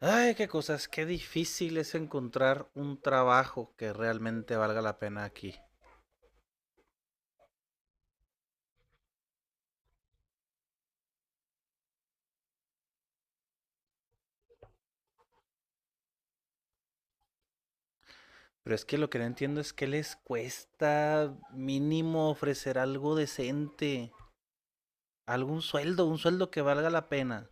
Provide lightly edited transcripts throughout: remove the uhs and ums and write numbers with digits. Ay, qué cosas, qué difícil es encontrar un trabajo que realmente valga la pena aquí. Pero es que lo que no entiendo es que les cuesta mínimo ofrecer algo decente, algún sueldo, un sueldo que valga la pena.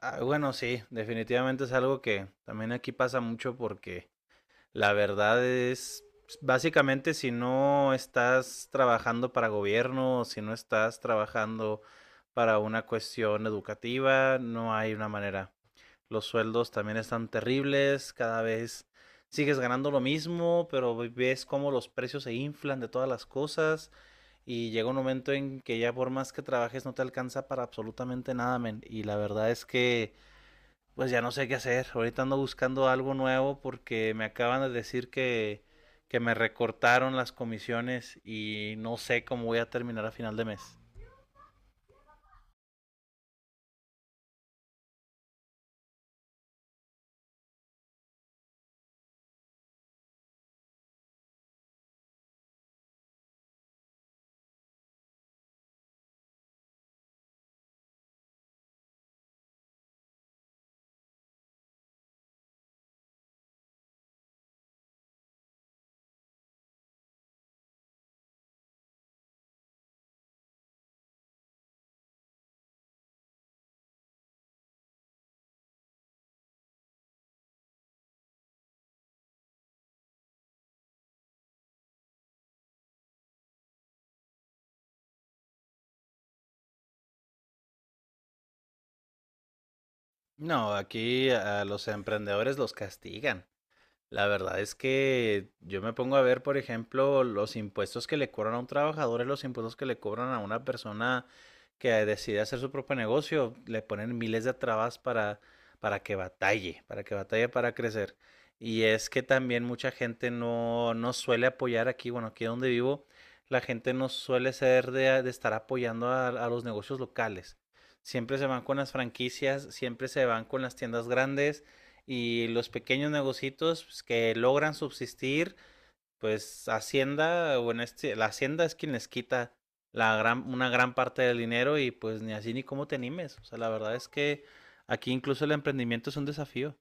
Ah, bueno, sí, definitivamente es algo que también aquí pasa mucho porque la verdad es, básicamente si no estás trabajando para gobierno, si no estás trabajando para una cuestión educativa, no hay una manera. Los sueldos también están terribles, cada vez sigues ganando lo mismo, pero ves cómo los precios se inflan de todas las cosas y llega un momento en que ya por más que trabajes no te alcanza para absolutamente nada, men. Y la verdad es que pues ya no sé qué hacer. Ahorita ando buscando algo nuevo porque me acaban de decir que me recortaron las comisiones y no sé cómo voy a terminar a final de mes. No, aquí a los emprendedores los castigan. La verdad es que yo me pongo a ver, por ejemplo, los impuestos que le cobran a un trabajador y los impuestos que le cobran a una persona que decide hacer su propio negocio. Le ponen miles de trabas para que batalle, para que batalle para crecer. Y es que también mucha gente no suele apoyar aquí, bueno, aquí donde vivo, la gente no suele ser de estar apoyando a los negocios locales. Siempre se van con las franquicias, siempre se van con las tiendas grandes y los pequeños negocios pues, que logran subsistir, pues Hacienda, o en este, la Hacienda es quien les quita una gran parte del dinero y pues ni así ni cómo te animes. O sea, la verdad es que aquí incluso el emprendimiento es un desafío.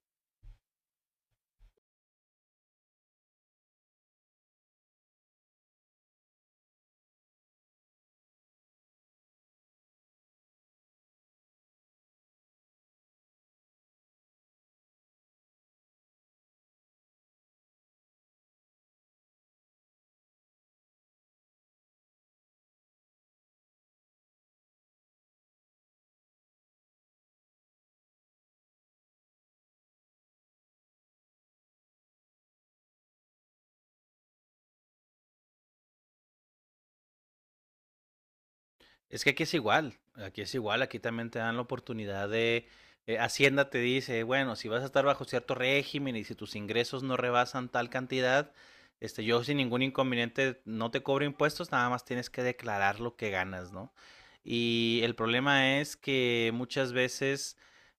Es que aquí es igual, aquí es igual, aquí también te dan la oportunidad de, Hacienda te dice, bueno, si vas a estar bajo cierto régimen y si tus ingresos no rebasan tal cantidad, este, yo sin ningún inconveniente no te cobro impuestos, nada más tienes que declarar lo que ganas, ¿no? Y el problema es que muchas veces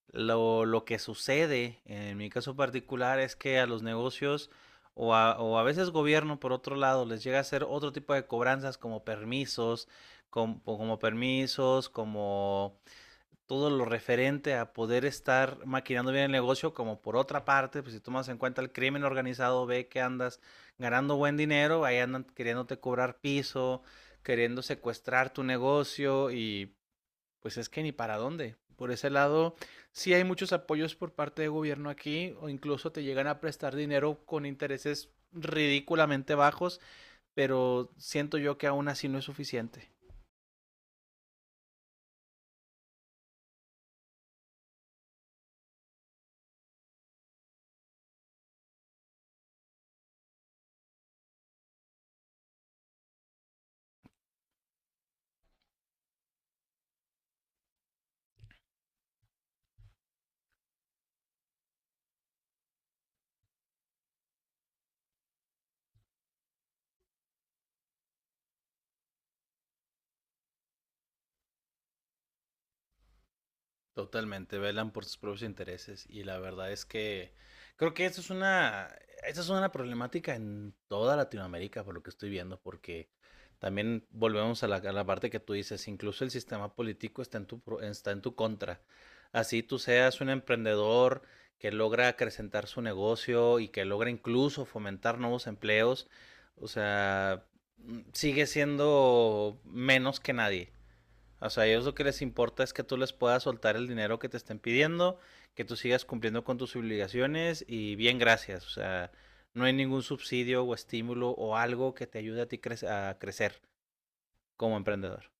lo que sucede, en mi caso particular, es que a los negocios o o a veces gobierno, por otro lado, les llega a hacer otro tipo de cobranzas como permisos, como permisos, como todo lo referente a poder estar maquinando bien el negocio, como por otra parte, pues si tomas en cuenta el crimen organizado, ve que andas ganando buen dinero, ahí andan queriéndote cobrar piso, queriendo secuestrar tu negocio y pues es que ni para dónde. Por ese lado, sí hay muchos apoyos por parte de gobierno aquí o incluso te llegan a prestar dinero con intereses ridículamente bajos, pero siento yo que aún así no es suficiente. Totalmente, velan por sus propios intereses y la verdad es que creo que esta es una problemática en toda Latinoamérica por lo que estoy viendo, porque también volvemos a a la parte que tú dices, incluso el sistema político está en tu, está en tu contra. Así tú seas un emprendedor que logra acrecentar su negocio y que logra incluso fomentar nuevos empleos, o sea, sigue siendo menos que nadie. O sea, a ellos lo que les importa es que tú les puedas soltar el dinero que te estén pidiendo, que tú sigas cumpliendo con tus obligaciones y bien, gracias. O sea, no hay ningún subsidio o estímulo o algo que te ayude a ti a crecer como emprendedor.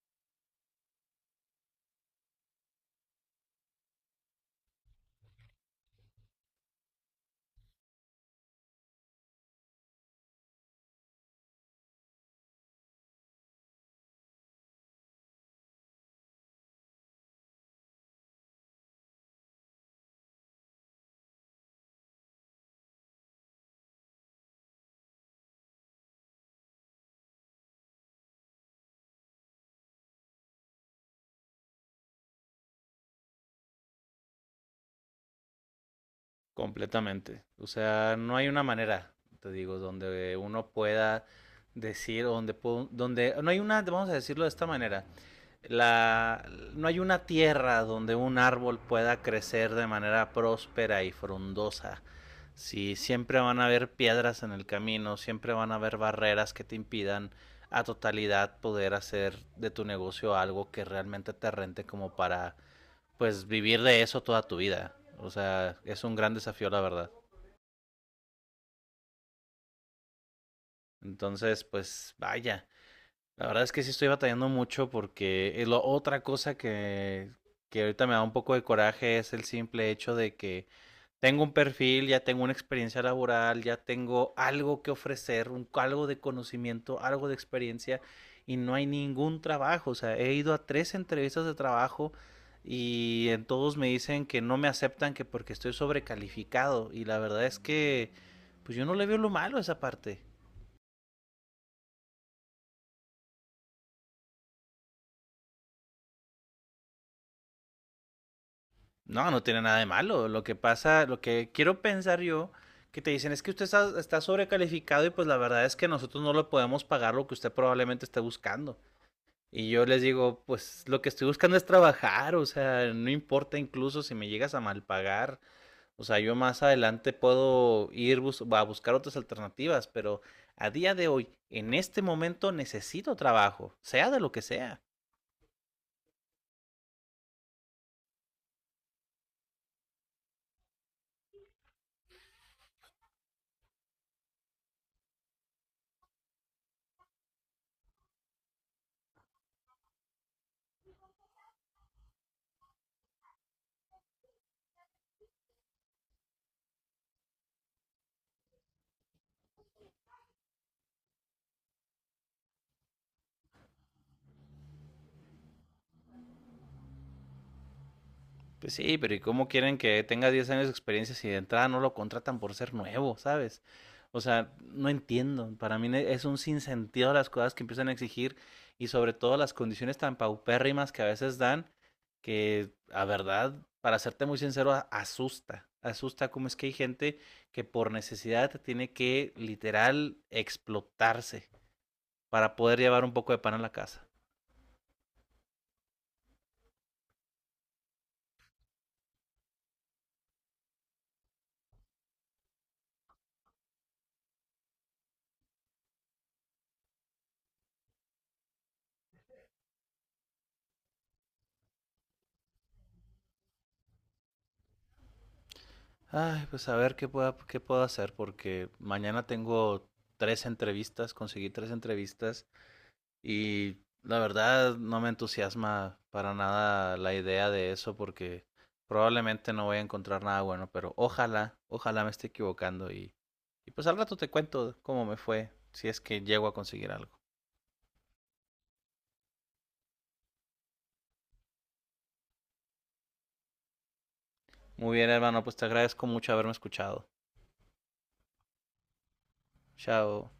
Completamente. O sea, no hay una manera, te digo, donde uno pueda decir, donde, donde no hay una, vamos a decirlo de esta manera, la, no hay una tierra donde un árbol pueda crecer de manera próspera y frondosa. Sí, siempre van a haber piedras en el camino, siempre van a haber barreras que te impidan a totalidad poder hacer de tu negocio algo que realmente te rente como para pues vivir de eso toda tu vida. O sea, es un gran desafío la verdad. Entonces, pues vaya. La verdad es que sí estoy batallando mucho porque otra cosa que ahorita me da un poco de coraje es el simple hecho de que tengo un perfil, ya tengo una experiencia laboral, ya tengo algo que ofrecer, algo de conocimiento, algo de experiencia y no hay ningún trabajo. O sea, he ido a tres entrevistas de trabajo y en todos me dicen que no me aceptan que porque estoy sobrecalificado y la verdad es que pues yo no le veo lo malo a esa parte. No, no tiene nada de malo. Lo que pasa, lo que quiero pensar yo que te dicen es que está sobrecalificado y pues la verdad es que nosotros no le podemos pagar lo que usted probablemente esté buscando. Y yo les digo, pues lo que estoy buscando es trabajar, o sea, no importa incluso si me llegas a mal pagar, o sea, yo más adelante puedo ir a buscar otras alternativas, pero a día de hoy, en este momento necesito trabajo, sea de lo que sea. Pues sí, pero ¿y cómo quieren que tenga 10 años de experiencia si de entrada no lo contratan por ser nuevo, ¿sabes? O sea, no entiendo. Para mí es un sinsentido las cosas que empiezan a exigir y sobre todo las condiciones tan paupérrimas que a veces dan que, a verdad, para serte muy sincero, asusta. Asusta cómo es que hay gente que por necesidad tiene que literal explotarse para poder llevar un poco de pan a la casa. Ay, pues a ver qué pueda, qué puedo hacer, porque mañana tengo tres entrevistas, conseguí tres entrevistas y la verdad no me entusiasma para nada la idea de eso porque probablemente no voy a encontrar nada bueno, pero ojalá, ojalá me esté equivocando y pues al rato te cuento cómo me fue, si es que llego a conseguir algo. Muy bien, hermano, pues te agradezco mucho haberme escuchado. Chao.